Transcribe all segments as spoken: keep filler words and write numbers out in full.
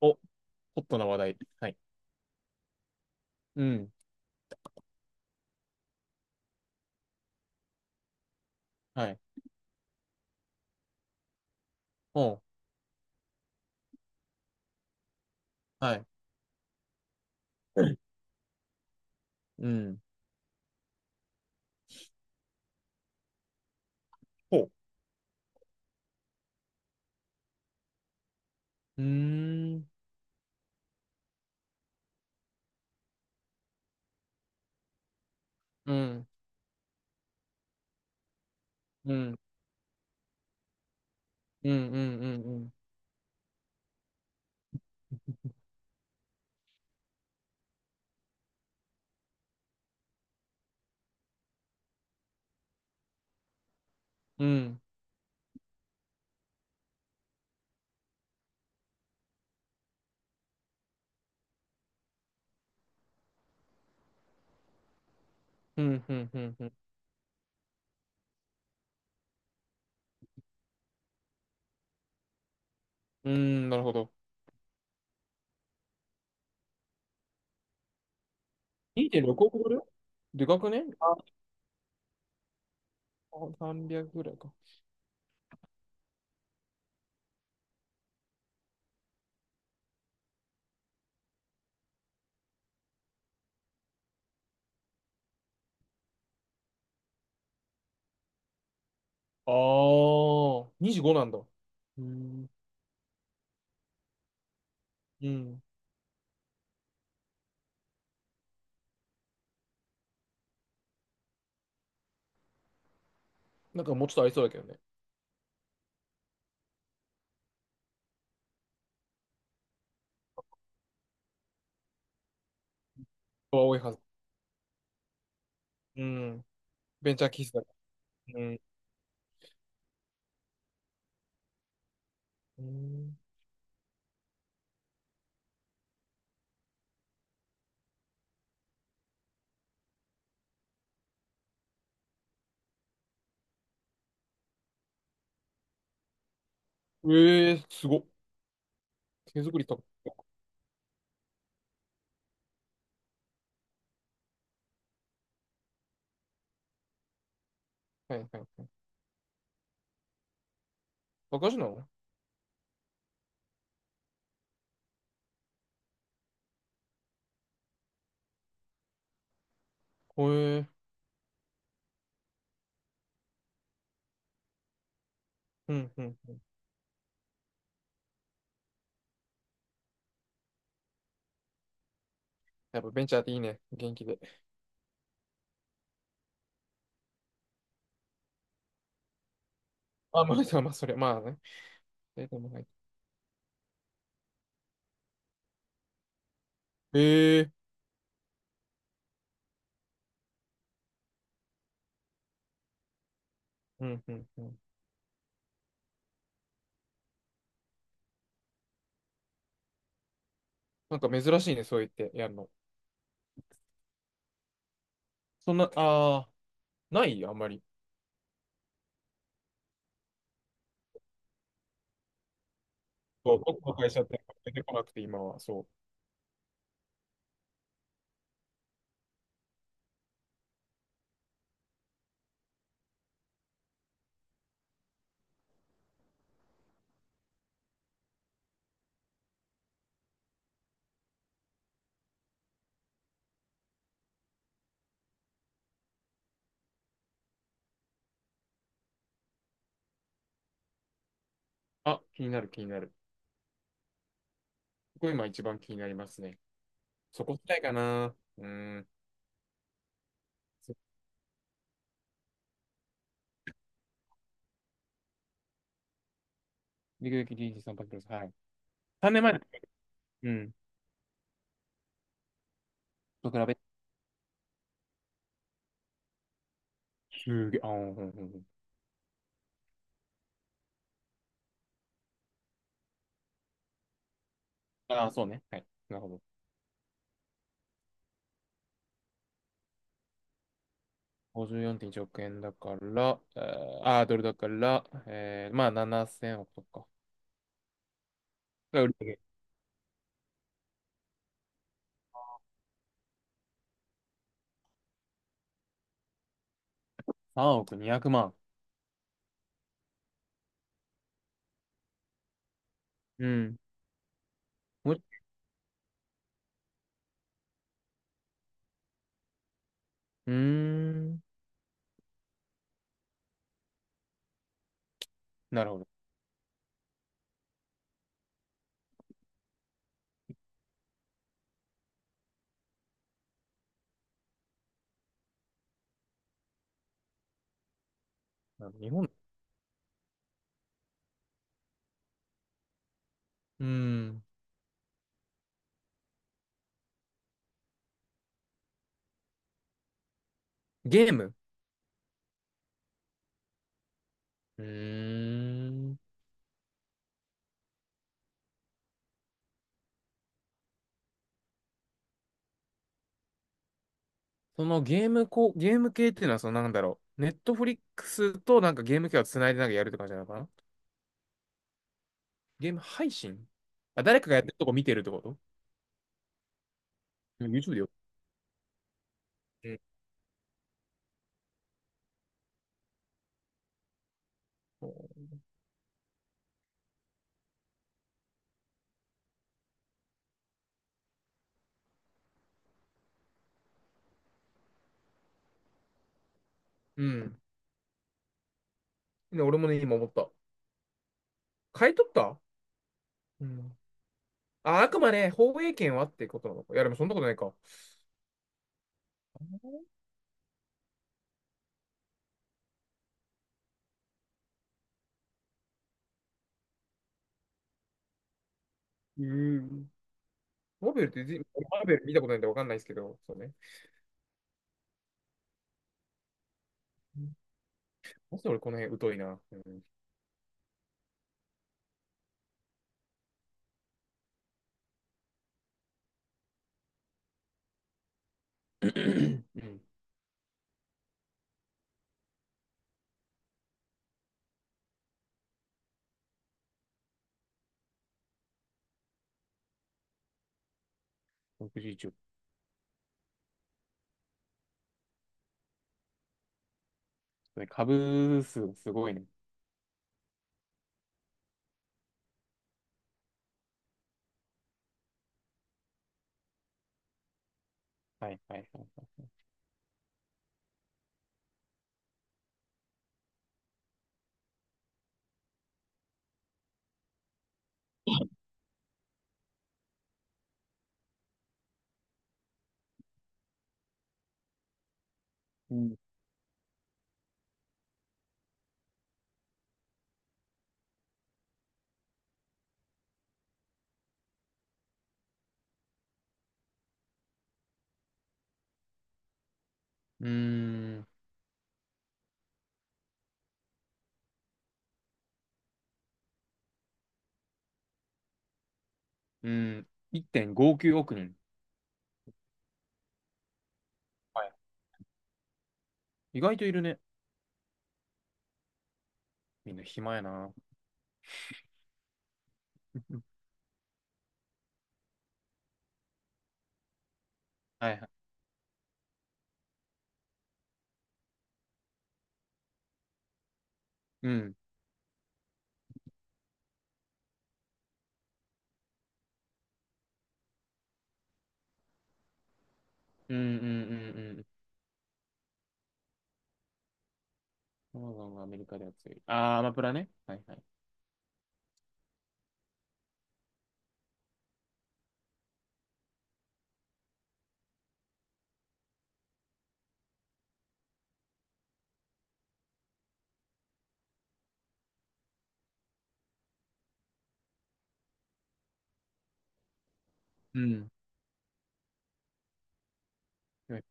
お、ホットな話題。はい。うん。はい。ほう。はい。うん。ほう。うーん。うん。うん。うん。うん。うん。うん。うん。うん。うん。うん。うん。なるほど。にてんろくおくドル。でかくね？あ、さんびゃくぐらいか。ああ、にじゅうごなんだ。うん。うん。なんかもうちょっとありそうだけどね。人は多いはず。うん。ベンチャー企業だから。うん。うん。ええー、すごっ。手作りとか。はいはいはい。バカじなの？へえ。うんうんうん。やっぱベンチャーっていいね、元気で。あ、まあ、まあ、それ、まあね。えでも入って、へえ。うんうんうん。なんか珍しいね、そう言ってやるの。そんな、ああ、ないあんまり。そう、僕の会社って出てこなくて、今は。そう。あ、気になる、気になる。ここ今一番気になりますね。そこたいかな。うーん。リグリグリージさんパックです。はい。さんねんまえだ。うん。と比べ。すげえ。あー、うんうんうん。ああ、そうね。はい。なるほど。ごじゅうよんてんいちおく円だから、えーあー、ドルだから、えーまあななせんおくとか。が売り上げ。さんおくにひゃくまん。うん。もう、うーん。なるほど。な日本、うーん。ゲーム。うーん。そのゲームこ、ゲーム系っていうのは、そのなんだろう。ネットフリックスとなんかゲーム系をつないでなんかやるって感じなのかな？ゲーム配信。あ、誰かがやってるとこ見てるってこと？ YouTube でよ。うん。うん。で俺もね、今思った。買い取った。うん。あ、あくまで放映権はってことなのか。いや、でもそんなことないか。うん。マーベルってじ、マーベル見たことないんでわかんないですけど、そうね。まず俺この辺疎いな。うん。うん。ろくじゅういちおく。それ株数すごいね。はいはいはい。うん。うーん。うん。いってんごきゅうおく人。はい。意外といるね。みんな暇やな。はいはい。うん。うんうんうんうん。そうなのアメリカでは強い。あー、アマプラね。はいはい。うん。うん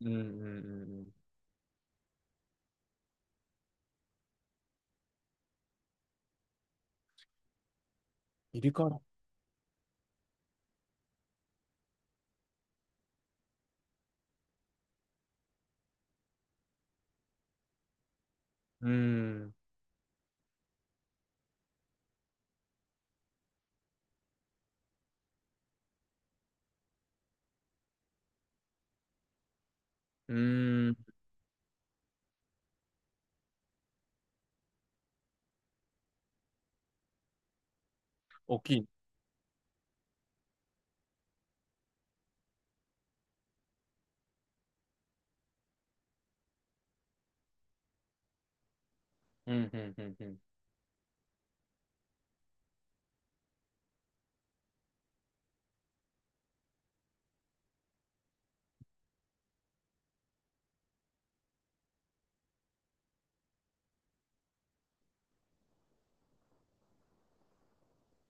うんうんうん。入れ替わら、うーん。うーん。大きい。うん、うん、うん、うん。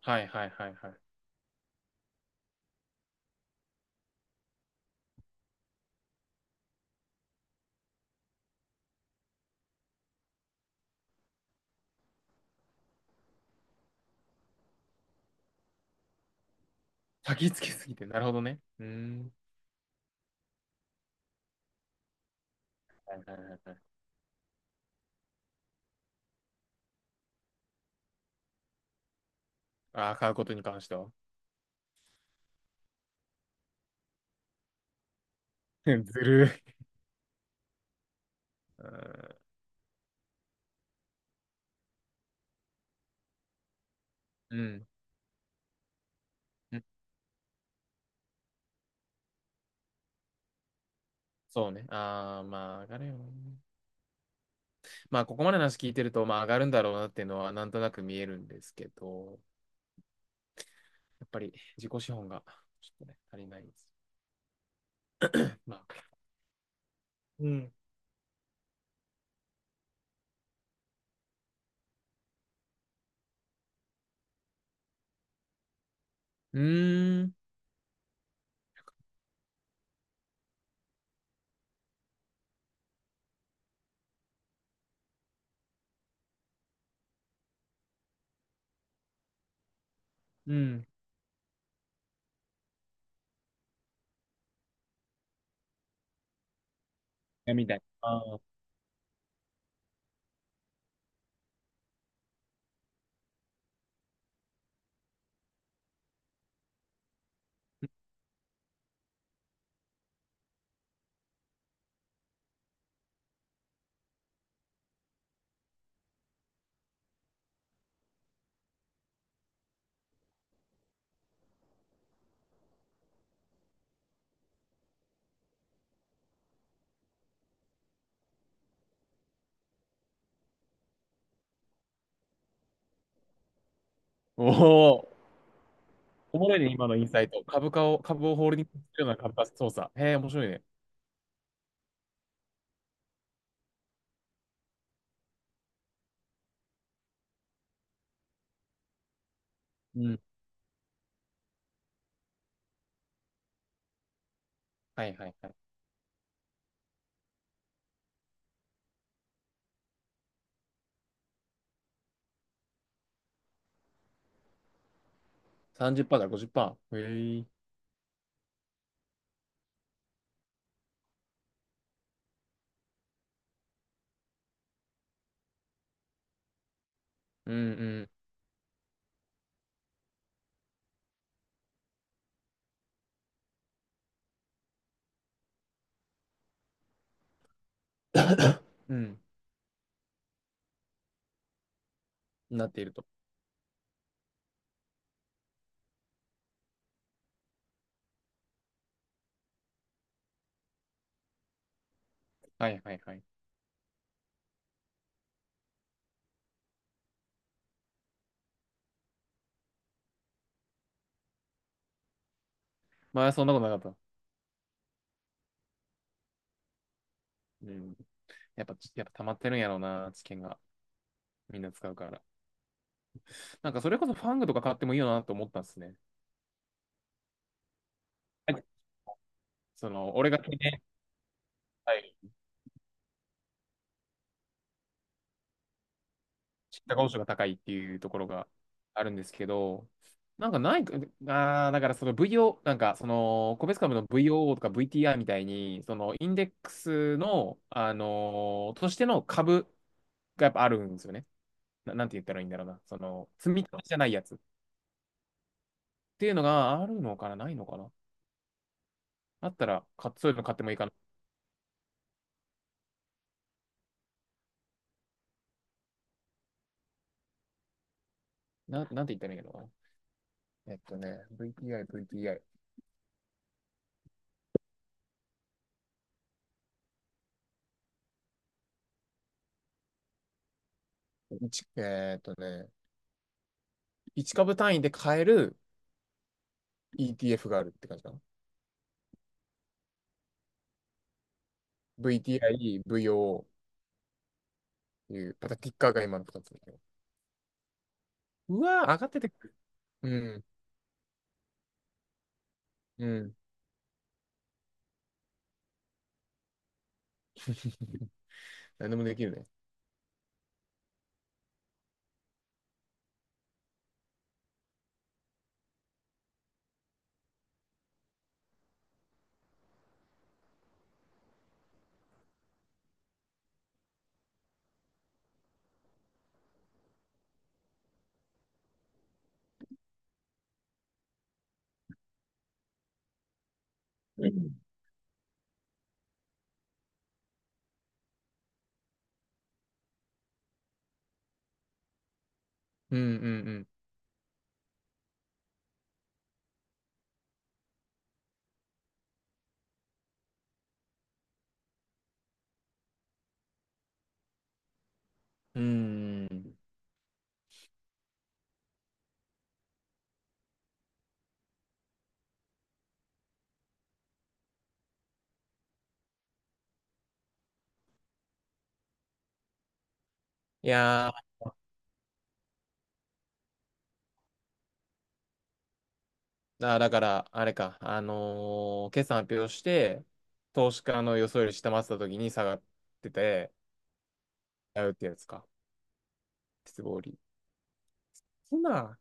はい、はい、はい、はい。先つけすぎて、なるほどね。うーん。はい、はい、はいはい。ああ、買うことに関しては。ずるい。うん。うん。そうね。ああ、まあ、上がるよね。まあ、ここまでの話聞いてると、まあ、上がるんだろうなっていうのは、なんとなく見えるんですけど、やっぱり自己資本が、ちょっとね、足りないです。まあ、うん。うーん。うん。みたい。ああ。おお。おもろいね、今のインサイト。株価を、株をホールディングするような株価操作。へえ、面白いね。うん。はいはいはい。さんじゅっパーセントからごじゅっパーセント。へえ。うんうん。うん。なっていると。はいはいはい。まあ、そんなことなかった？うん。やっぱ、やっぱ溜まってるんやろうな、知見が。みんな使うから。なんか、それこそファングとか買ってもいいよなと思ったんですね。はい。その、俺が、はい、知ったことが高いっていうところがあるんですけど、なんかないか、あーだからその ブイオー、なんかその、個別株の ブイオーオー とか ブイティーアール みたいに、そのインデックスの、あのーとしての株がやっぱあるんですよね。な、なんて言ったらいいんだろうな。その、積み立てじゃないやつっていうのがあるのかな、ないのかな。あったら、か、そういうの買ってもいいかな。な、なんて言ったらいいのな。えっとね、ブイティーアイ、ブイティーアイ。一えーっとね、いち株単位で買える ETF があるって感じかな。ブイティーアイ、ブイオー っていう、またキッカーが今のふたつだけど。うわー、上がっててくる。うん、うん。何でもできるね。うんうんうんうん。うーん。いやー、あだから、あれか、あのー決算発表して、投資家の予想より下回ってた時に下がってて、やうってやつか。鉄棒売り。そんな。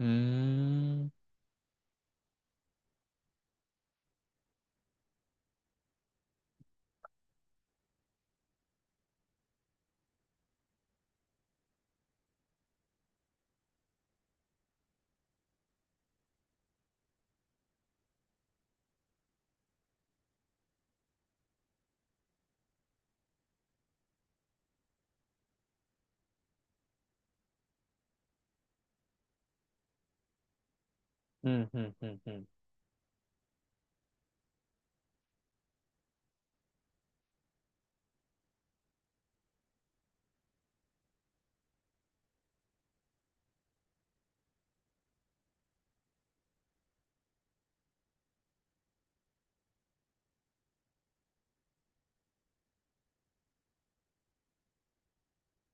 うーん。うん、うん、うん、うん。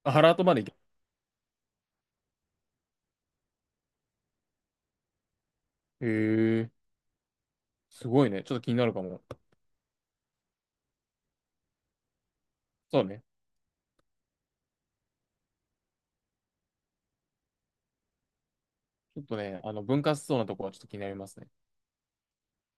あ、ハラートまで行け。へえ、すごいね。ちょっと気になるかも。そうね。ちょっとね、あの、分割しそうなとこはちょっと気になりますね。